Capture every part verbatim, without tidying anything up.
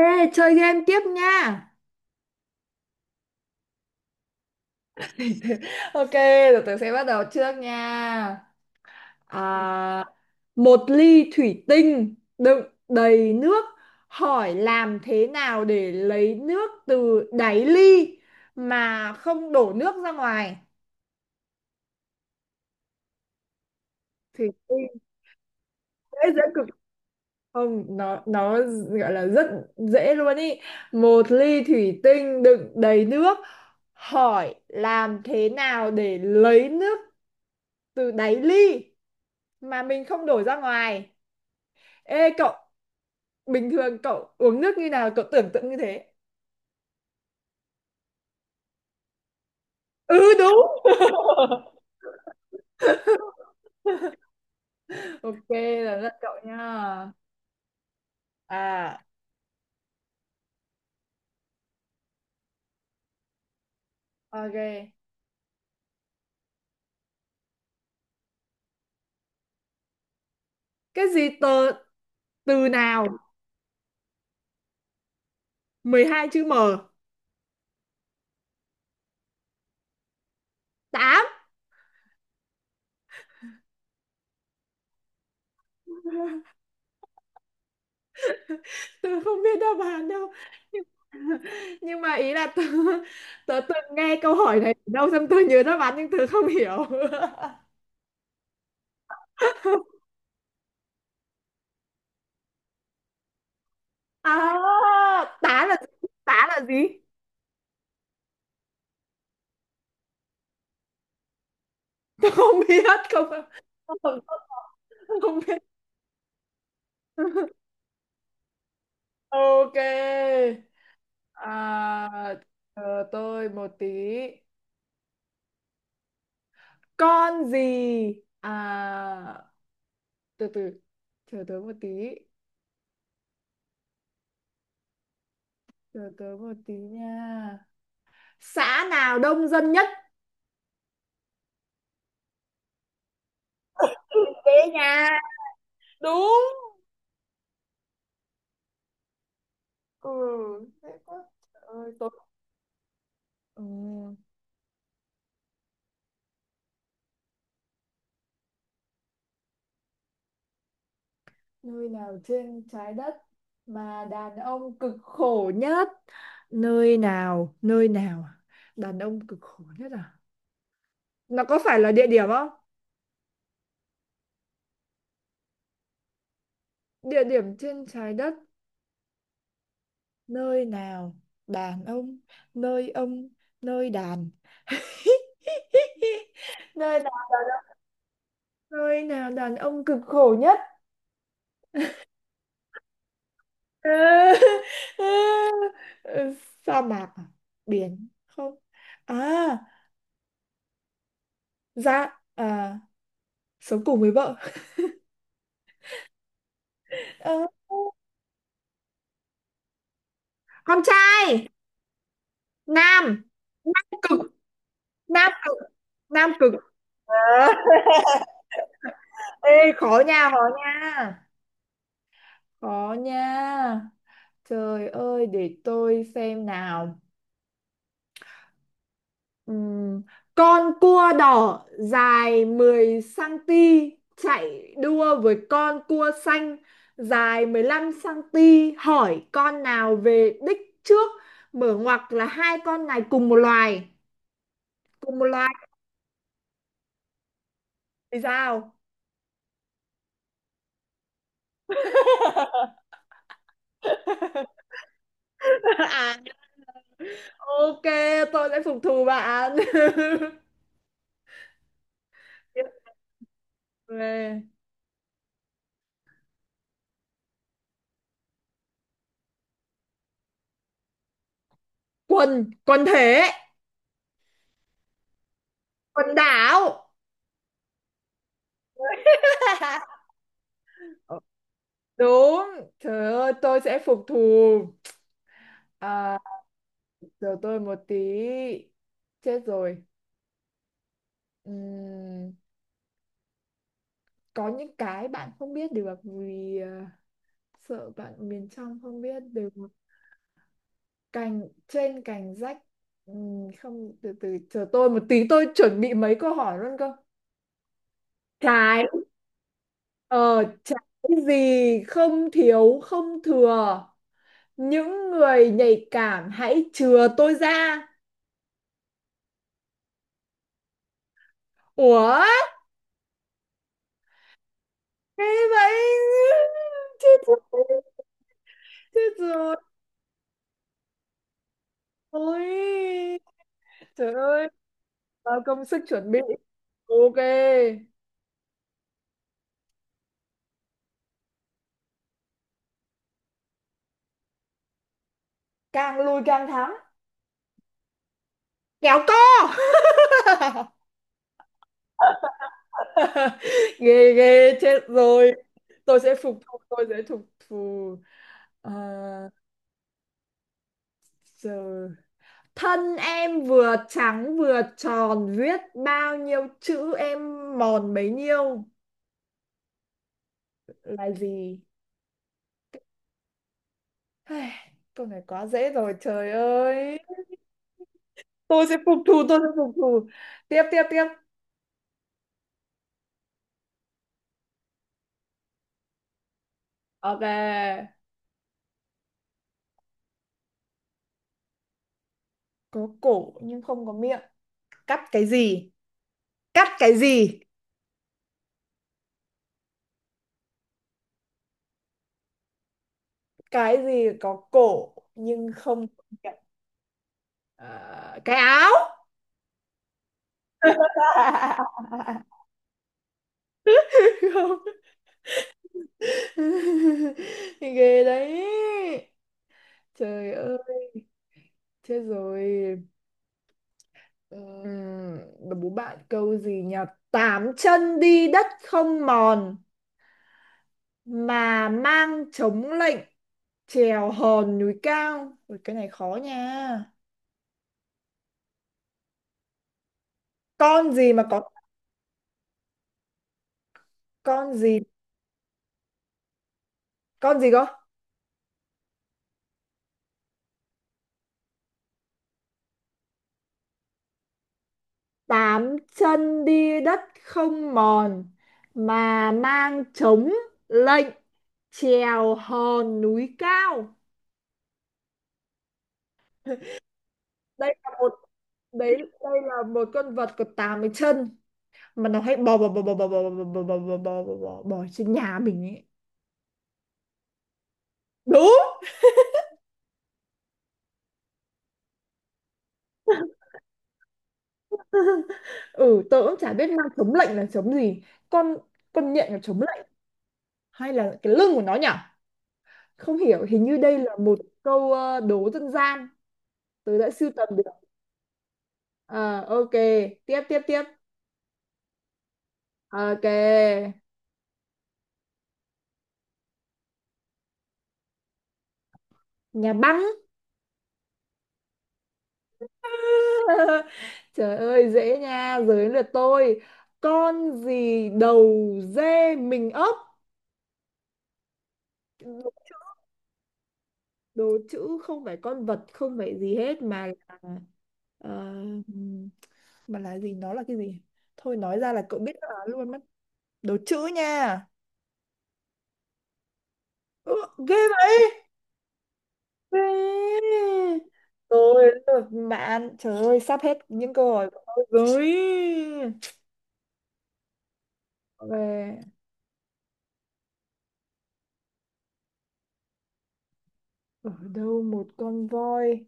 Ê, chơi game tiếp nha. Ok, rồi tớ sẽ bắt đầu trước nha. À, một ly thủy tinh đựng đầy nước. Hỏi làm thế nào để lấy nước từ đáy ly mà không đổ nước ra ngoài? Thủy tinh dễ dễ cực. Không, nó nó gọi là rất dễ luôn ý. Một ly thủy tinh đựng đầy nước. Hỏi làm thế nào để lấy nước từ đáy ly mà mình không đổ ra ngoài. Ê cậu, bình thường cậu uống nước như nào cậu tưởng tượng như thế. Ừ đúng. Ok, là rất cậu nha. À ok, cái gì tờ, từ nào mười hai chữ m? Tám. Tớ không biết đáp án đâu, nhưng, nhưng mà ý là tớ, tớ từng nghe câu hỏi này ở đâu xong tớ nhớ đáp án nhưng tớ không hiểu. À, tá là, tá là gì? Không biết, không không, không biết. Ok. À, chờ tôi một tí. Con gì? À, từ từ, chờ tớ một tí, chờ tớ một tí nha. Xã nào đông dân nhất? Ừ, thế nha. Đúng. Ừ, thế quá. Trời ơi tôi. Ừ, nơi nào trên trái đất mà đàn ông cực khổ nhất? Nơi nào, nơi nào à? Đàn ông cực khổ nhất à? Nó có phải là địa điểm không? Địa điểm trên trái đất. Nơi nào đàn ông, nơi ông, nơi đàn. Nơi nào, nơi nào đàn ông cực khổ nhất? Ờ, ờ, sa mạc à? Biển không? À, dạ à, sống cùng với vợ. Ờ, con trai. Nam cực, nam cực, nam cực. Ê, khó nha, khó nha. Khó nha. Trời ơi, để tôi xem nào. Ừm, con cua đỏ dài mười xăng ti mét chạy đua với con cua xanh dài mười lăm xăng ti mét, hỏi con nào về đích trước? Mở ngoặc là hai con này cùng một loài, cùng một loài. Thì sao? À ok, tôi sẽ phục thù bạn. Về. Quần, quần thể, quần đảo. Đúng. Trời ơi, tôi sẽ phục thù. À, chờ tôi một tí. Chết rồi. Ừm, có những cái bạn không biết được vì à, sợ bạn miền trong không biết được. Cành trên cành rách. Ừm, không, từ từ chờ tôi một tí, tôi chuẩn bị mấy câu hỏi luôn cơ. Trái. Ờ, trái gì không thiếu không thừa. Những người nhạy cảm hãy chừa tôi ra. Ủa? Thế vậy? Chết rồi. Chết rồi. Ôi. Trời ơi. Bao công sức chuẩn bị. Ok. Càng lùi càng thắng. Kéo co. Ghê ghê. Chết rồi. Tôi sẽ phục thù. Tôi sẽ phục thù. Ờ, giờ thân em vừa trắng vừa tròn, viết bao nhiêu chữ em mòn bấy nhiêu là gì? Ai, câu này quá dễ rồi trời ơi. Tôi sẽ phục thù, tôi sẽ phục thù. Tiếp tiếp tiếp. Ok. Có cổ nhưng không có miệng. Cắt cái gì? Cắt cái gì? Cái gì có cổ nhưng không có miệng? Ờ, cái áo. Không. Ghê đấy. Trời ơi, chết rồi. Ừm, bố bạn câu gì nhỉ? Tám chân đi đất không mòn, mà mang chống lệnh trèo hòn núi cao. Ui, cái này khó nha. Con gì mà có, con gì? Con gì có? Tám chân đi đất không mòn mà mang chống lệnh trèo hòn núi cao. Đây là một, đấy đây là một con vật có tám cái chân mà nó hay bò bò bò bò bò bò bò bò bò bò bò bò bò bò trên nhà mình ấy. Đúng. Ừ tớ cũng chả biết mang chống lạnh là chống gì. con con nhện là chống lạnh, hay là cái lưng của nó nhỉ? Không hiểu, hình như đây là một câu ờ, đố dân gian tớ đã sưu tầm được. Ờ, ok, tiếp tiếp tiếp. Ok. Nhà băng. Trời ơi dễ nha, giới lượt tôi. Con gì đầu dê mình ấp? Đồ chữ, không phải con vật, không phải gì hết, mà là ờ, mà là gì, nó là cái gì, thôi nói ra là cậu biết đáp luôn mất. Đồ chữ nha. Ừ, ghê vậy. Ghê. Rồi bạn, trời ơi sắp hết những câu hỏi của tôi rồi. Về. Ở đâu một con voi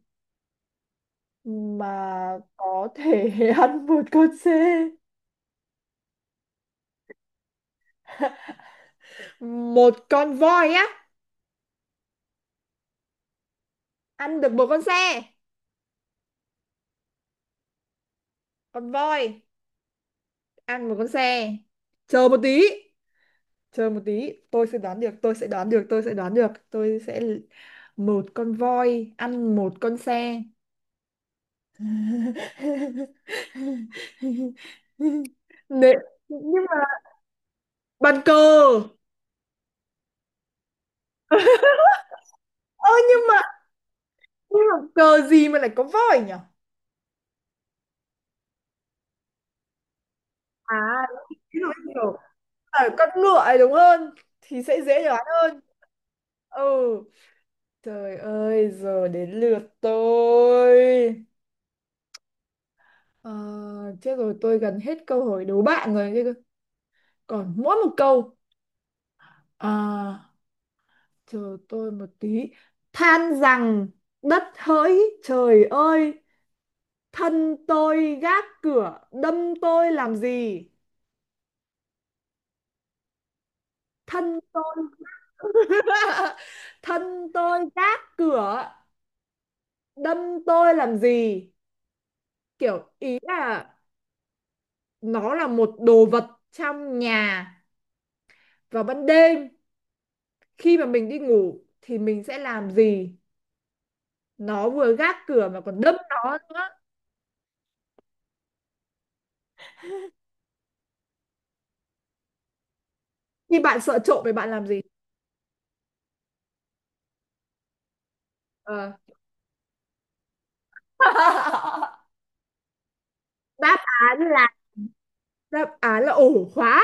mà có thể ăn một con xe? Một con voi á? Ăn được một con xe? Con voi ăn một con xe. Chờ một tí, chờ một tí, tôi sẽ đoán được, tôi sẽ đoán được, tôi sẽ đoán được, tôi sẽ l-, một con voi ăn một con xe. Nè, nhưng mà bàn cờ. Ơ nhưng mà nhưng mà cờ gì mà lại có voi nhỉ? À, ví dụ như kiểu ở con ngựa ấy đúng hơn thì sẽ dễ đoán hơn. Ừ, trời ơi giờ đến lượt tôi. Ờ, chết rồi tôi gần hết câu hỏi đố bạn rồi chứ. Còn mỗi một câu. À, chờ tôi một tí. Than rằng đất hỡi trời ơi, thân tôi gác cửa đâm tôi làm gì? Thân tôi. Thân tôi gác cửa đâm tôi làm gì? Kiểu ý là nó là một đồ vật trong nhà, vào ban đêm khi mà mình đi ngủ thì mình sẽ làm gì? Nó vừa gác cửa mà còn đâm nó nữa. Khi bạn sợ trộm thì bạn làm gì? Ờ, đáp án là, đáp án là ổ khóa.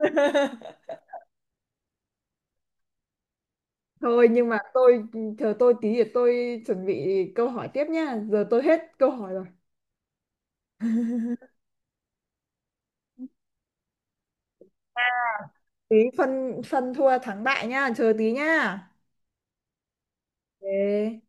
Thôi nhưng mà tôi, chờ tôi tí để tôi chuẩn bị câu hỏi tiếp nhá, giờ tôi hết câu hỏi rồi. Tí phân phân thua thắng bại nhá, chờ tí nhá. Ok.